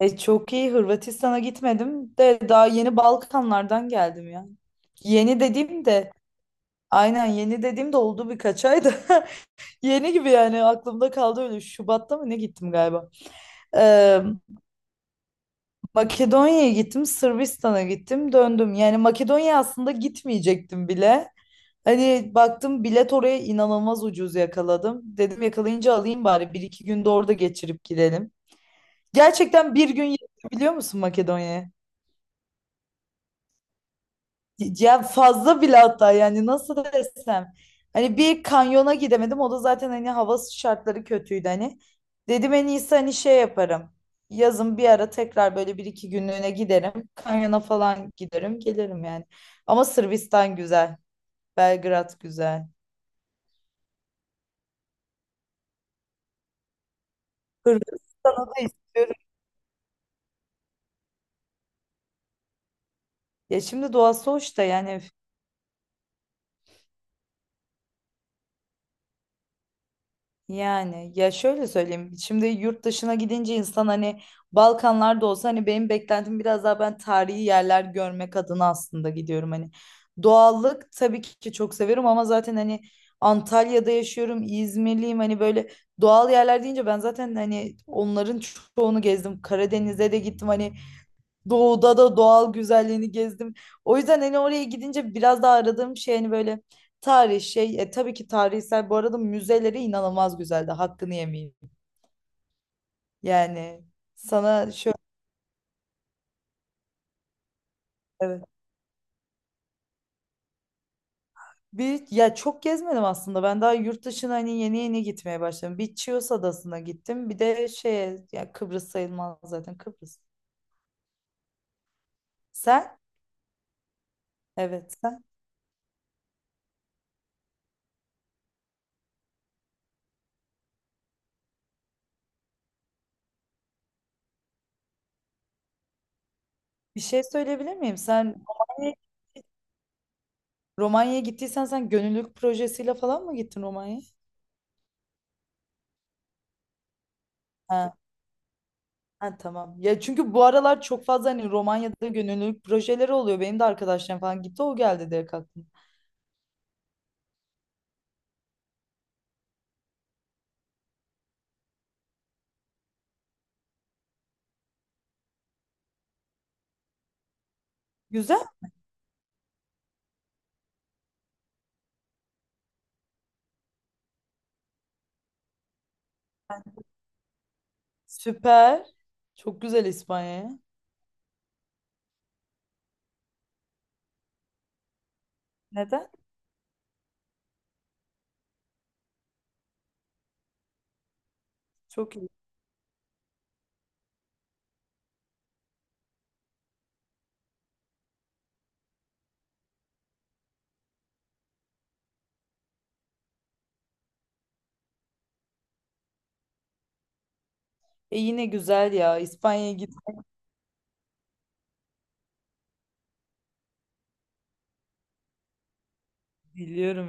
Çok iyi Hırvatistan'a gitmedim de daha yeni Balkanlardan geldim ya. Yeni dediğim de aynen yeni dediğim de oldu birkaç ay da yeni gibi yani aklımda kaldı öyle Şubat'ta mı ne gittim galiba. Ee, Makedonya'ya gittim Sırbistan'a gittim döndüm. Yani Makedonya aslında gitmeyecektim bile. Hani baktım bilet oraya inanılmaz ucuz yakaladım. Dedim yakalayınca alayım bari bir iki günde orada geçirip gidelim. Gerçekten bir gün yetti biliyor musun Makedonya'ya? Ya fazla bile hatta yani nasıl desem. Hani bir kanyona gidemedim. O da zaten hani hava şartları kötüydü hani. Dedim en iyisi hani şey yaparım. Yazın bir ara tekrar böyle bir iki günlüğüne giderim. Kanyona falan giderim gelirim yani. Ama Sırbistan güzel. Belgrad güzel. Hırvatistan'ı da istiyorum. Ya şimdi doğası hoş da yani yani ya şöyle söyleyeyim. Şimdi yurt dışına gidince insan hani Balkanlarda olsa hani benim beklentim biraz daha ben tarihi yerler görmek adına aslında gidiyorum hani. Doğallık tabii ki çok severim ama zaten hani Antalya'da yaşıyorum, İzmirliyim hani böyle doğal yerler deyince ben zaten hani onların çoğunu gezdim. Karadeniz'e de gittim hani doğuda da doğal güzelliğini gezdim. O yüzden hani oraya gidince biraz daha aradığım şey hani böyle tarih şey tabii ki tarihsel bu arada müzeleri inanılmaz güzeldi. Hakkını yemeyeyim. Yani sana şöyle evet. Bir ya çok gezmedim aslında. Ben daha yurt dışına hani yeni yeni gitmeye başladım. Bir Chios Adası'na gittim. Bir de şeye ya Kıbrıs sayılmaz zaten Kıbrıs. Sen? Evet sen. Bir şey söyleyebilir miyim? Sen Romanya'ya gittiysen sen gönüllülük projesiyle falan mı gittin Romanya'ya? Ha. Ha, tamam. Ya çünkü bu aralar çok fazla hani Romanya'da gönüllülük projeleri oluyor. Benim de arkadaşlarım falan gitti o geldi direkt aklıma. Güzel. Süper. Çok güzel İspanya'ya. Neden? Çok iyi. E yine güzel ya. İspanya'ya git. Biliyorum.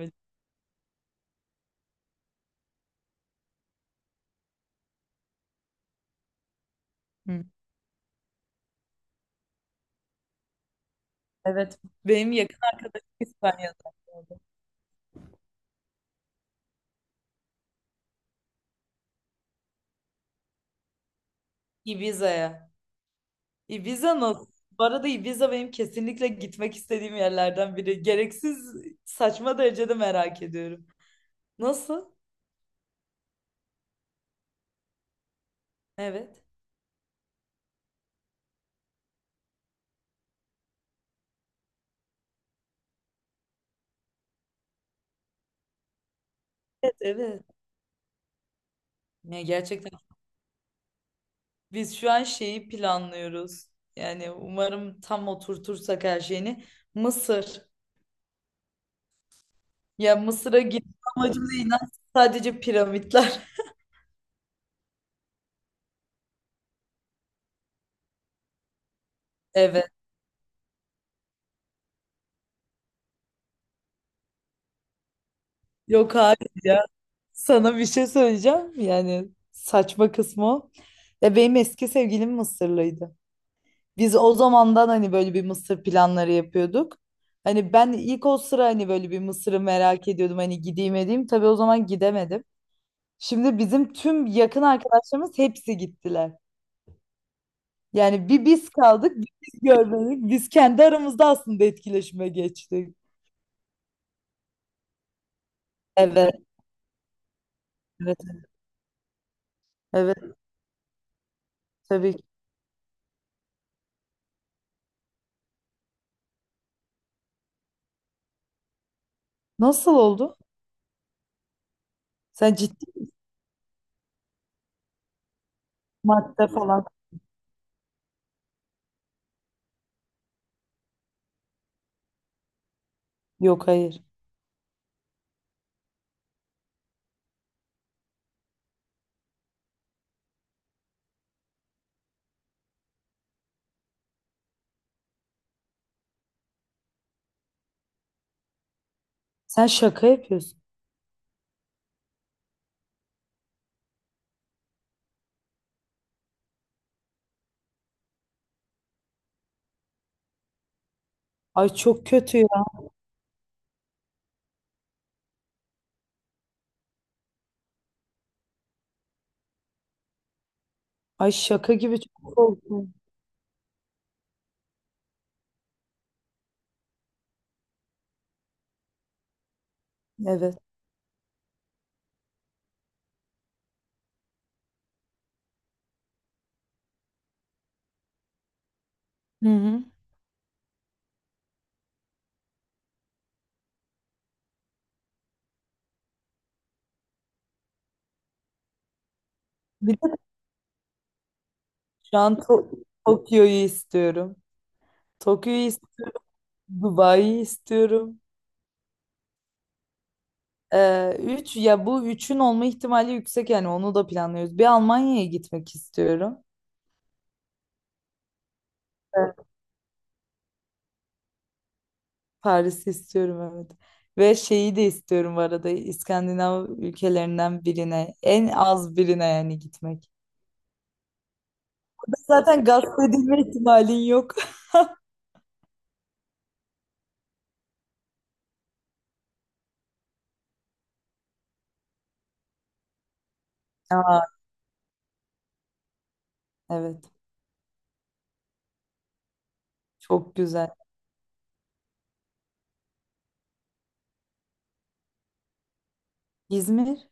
Hı. Evet. Benim yakın arkadaşım İspanya'da. Ibiza'ya. Ibiza nasıl? Bu arada Ibiza benim kesinlikle gitmek istediğim yerlerden biri. Gereksiz saçma derecede merak ediyorum. Nasıl? Evet. Evet, evet. Ya gerçekten biz şu an şeyi planlıyoruz. Yani umarım tam oturtursak her şeyini. Mısır. Ya Mısır'a gitme amacımız inan sadece piramitler. Evet. Yok hayır ya. Sana bir şey söyleyeceğim. Yani saçma kısmı o. Ya benim eski sevgilim Mısırlıydı. Biz o zamandan hani böyle bir Mısır planları yapıyorduk. Hani ben ilk o sıra hani böyle bir Mısır'ı merak ediyordum. Hani gideyim edeyim. Tabii o zaman gidemedim. Şimdi bizim tüm yakın arkadaşlarımız hepsi gittiler. Yani bir biz kaldık, bir biz görmedik. Biz kendi aramızda aslında etkileşime geçtik. Evet, evet, evet tabii ki. Nasıl oldu? Sen ciddi madde falan. Yok hayır. Sen şaka yapıyorsun. Ay çok kötü ya. Ay şaka gibi çok korktum. Evet. Hı hı. Bir de şu an Tokyo'yu istiyorum. Tokyo'yu istiyorum. Dubai'yi istiyorum. Üç ya bu üçün olma ihtimali yüksek yani onu da planlıyoruz. Bir Almanya'ya gitmek istiyorum. Paris'i istiyorum evet. Ve şeyi de istiyorum bu arada İskandinav ülkelerinden birine en az birine yani gitmek. Zaten gasp edilme ihtimalin yok. Aa, evet çok güzel. İzmir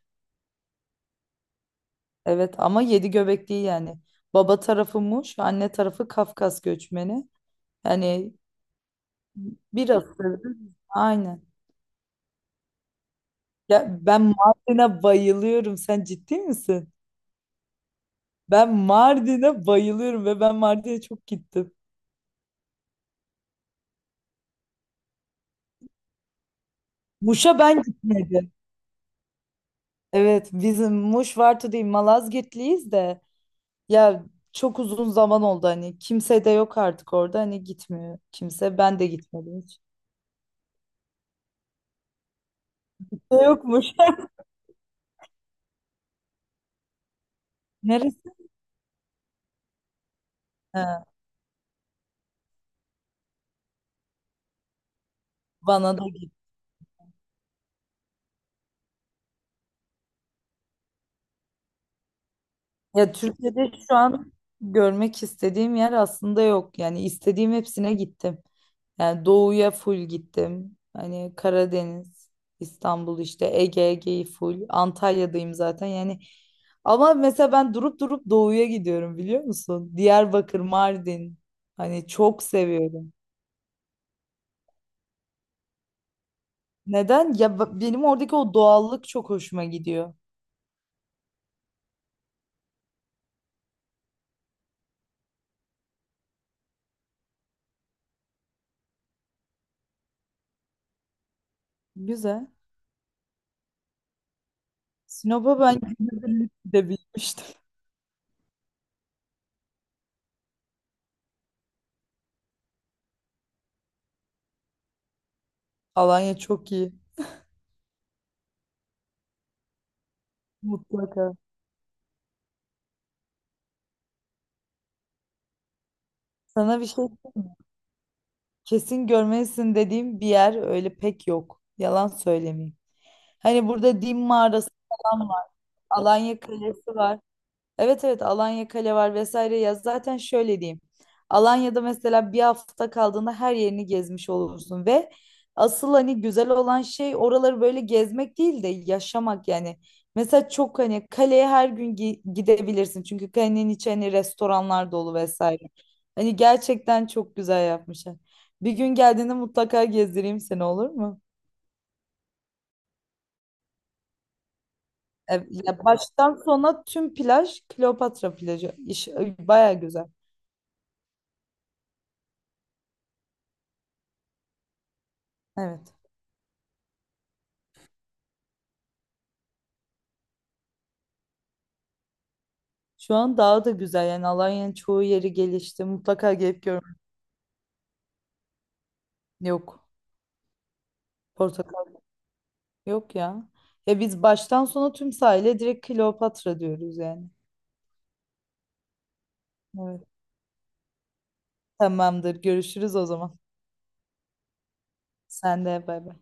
evet ama yedi göbek değil yani. Baba tarafı Muş, anne tarafı Kafkas göçmeni. Yani bir asırdır aynen. Ya ben Mardin'e bayılıyorum. Sen ciddi misin? Ben Mardin'e bayılıyorum ve ben Mardin'e çok gittim. Muş'a ben gitmedim. Evet bizim Muş Vartu değil Malazgirtliyiz de ya çok uzun zaman oldu hani kimse de yok artık orada hani gitmiyor kimse ben de gitmedim hiç. Kimse Yokmuş. Neresi? Ha, bana da git. Ya Türkiye'de şu an görmek istediğim yer aslında yok yani istediğim hepsine gittim. Yani doğuya full gittim. Hani Karadeniz, İstanbul işte Ege, Ege'yi full. Antalya'dayım zaten. Yani ama mesela ben durup durup doğuya gidiyorum biliyor musun? Diyarbakır, Mardin. Hani çok seviyorum. Neden? Ya benim oradaki o doğallık çok hoşuma gidiyor. Güzel. Sinop'a ben günübirlik gidebilmiştim. Alanya çok iyi. Mutlaka. Sana bir şey kesin görmelisin dediğim bir yer öyle pek yok. Yalan söylemeyeyim. Hani burada Dim mağarası falan var. Alanya Kalesi var. Evet evet Alanya Kale var vesaire ya zaten şöyle diyeyim. Alanya'da mesela bir hafta kaldığında her yerini gezmiş olursun ve asıl hani güzel olan şey oraları böyle gezmek değil de yaşamak yani. Mesela çok hani kaleye her gün gidebilirsin çünkü kalenin içi hani restoranlar dolu vesaire. Hani gerçekten çok güzel yapmışlar. Bir gün geldiğinde mutlaka gezdireyim seni olur mu? Ya baştan sona tüm plaj Kleopatra plajı. İş, bayağı güzel. Evet. Şu an daha da güzel yani Alanya'nın çoğu yeri gelişti. Mutlaka gelip görmen. Yok. Portakal yok ya. Ya biz baştan sona tüm sahile direkt Kleopatra diyoruz yani. Evet. Tamamdır. Görüşürüz o zaman. Sen de bay bay.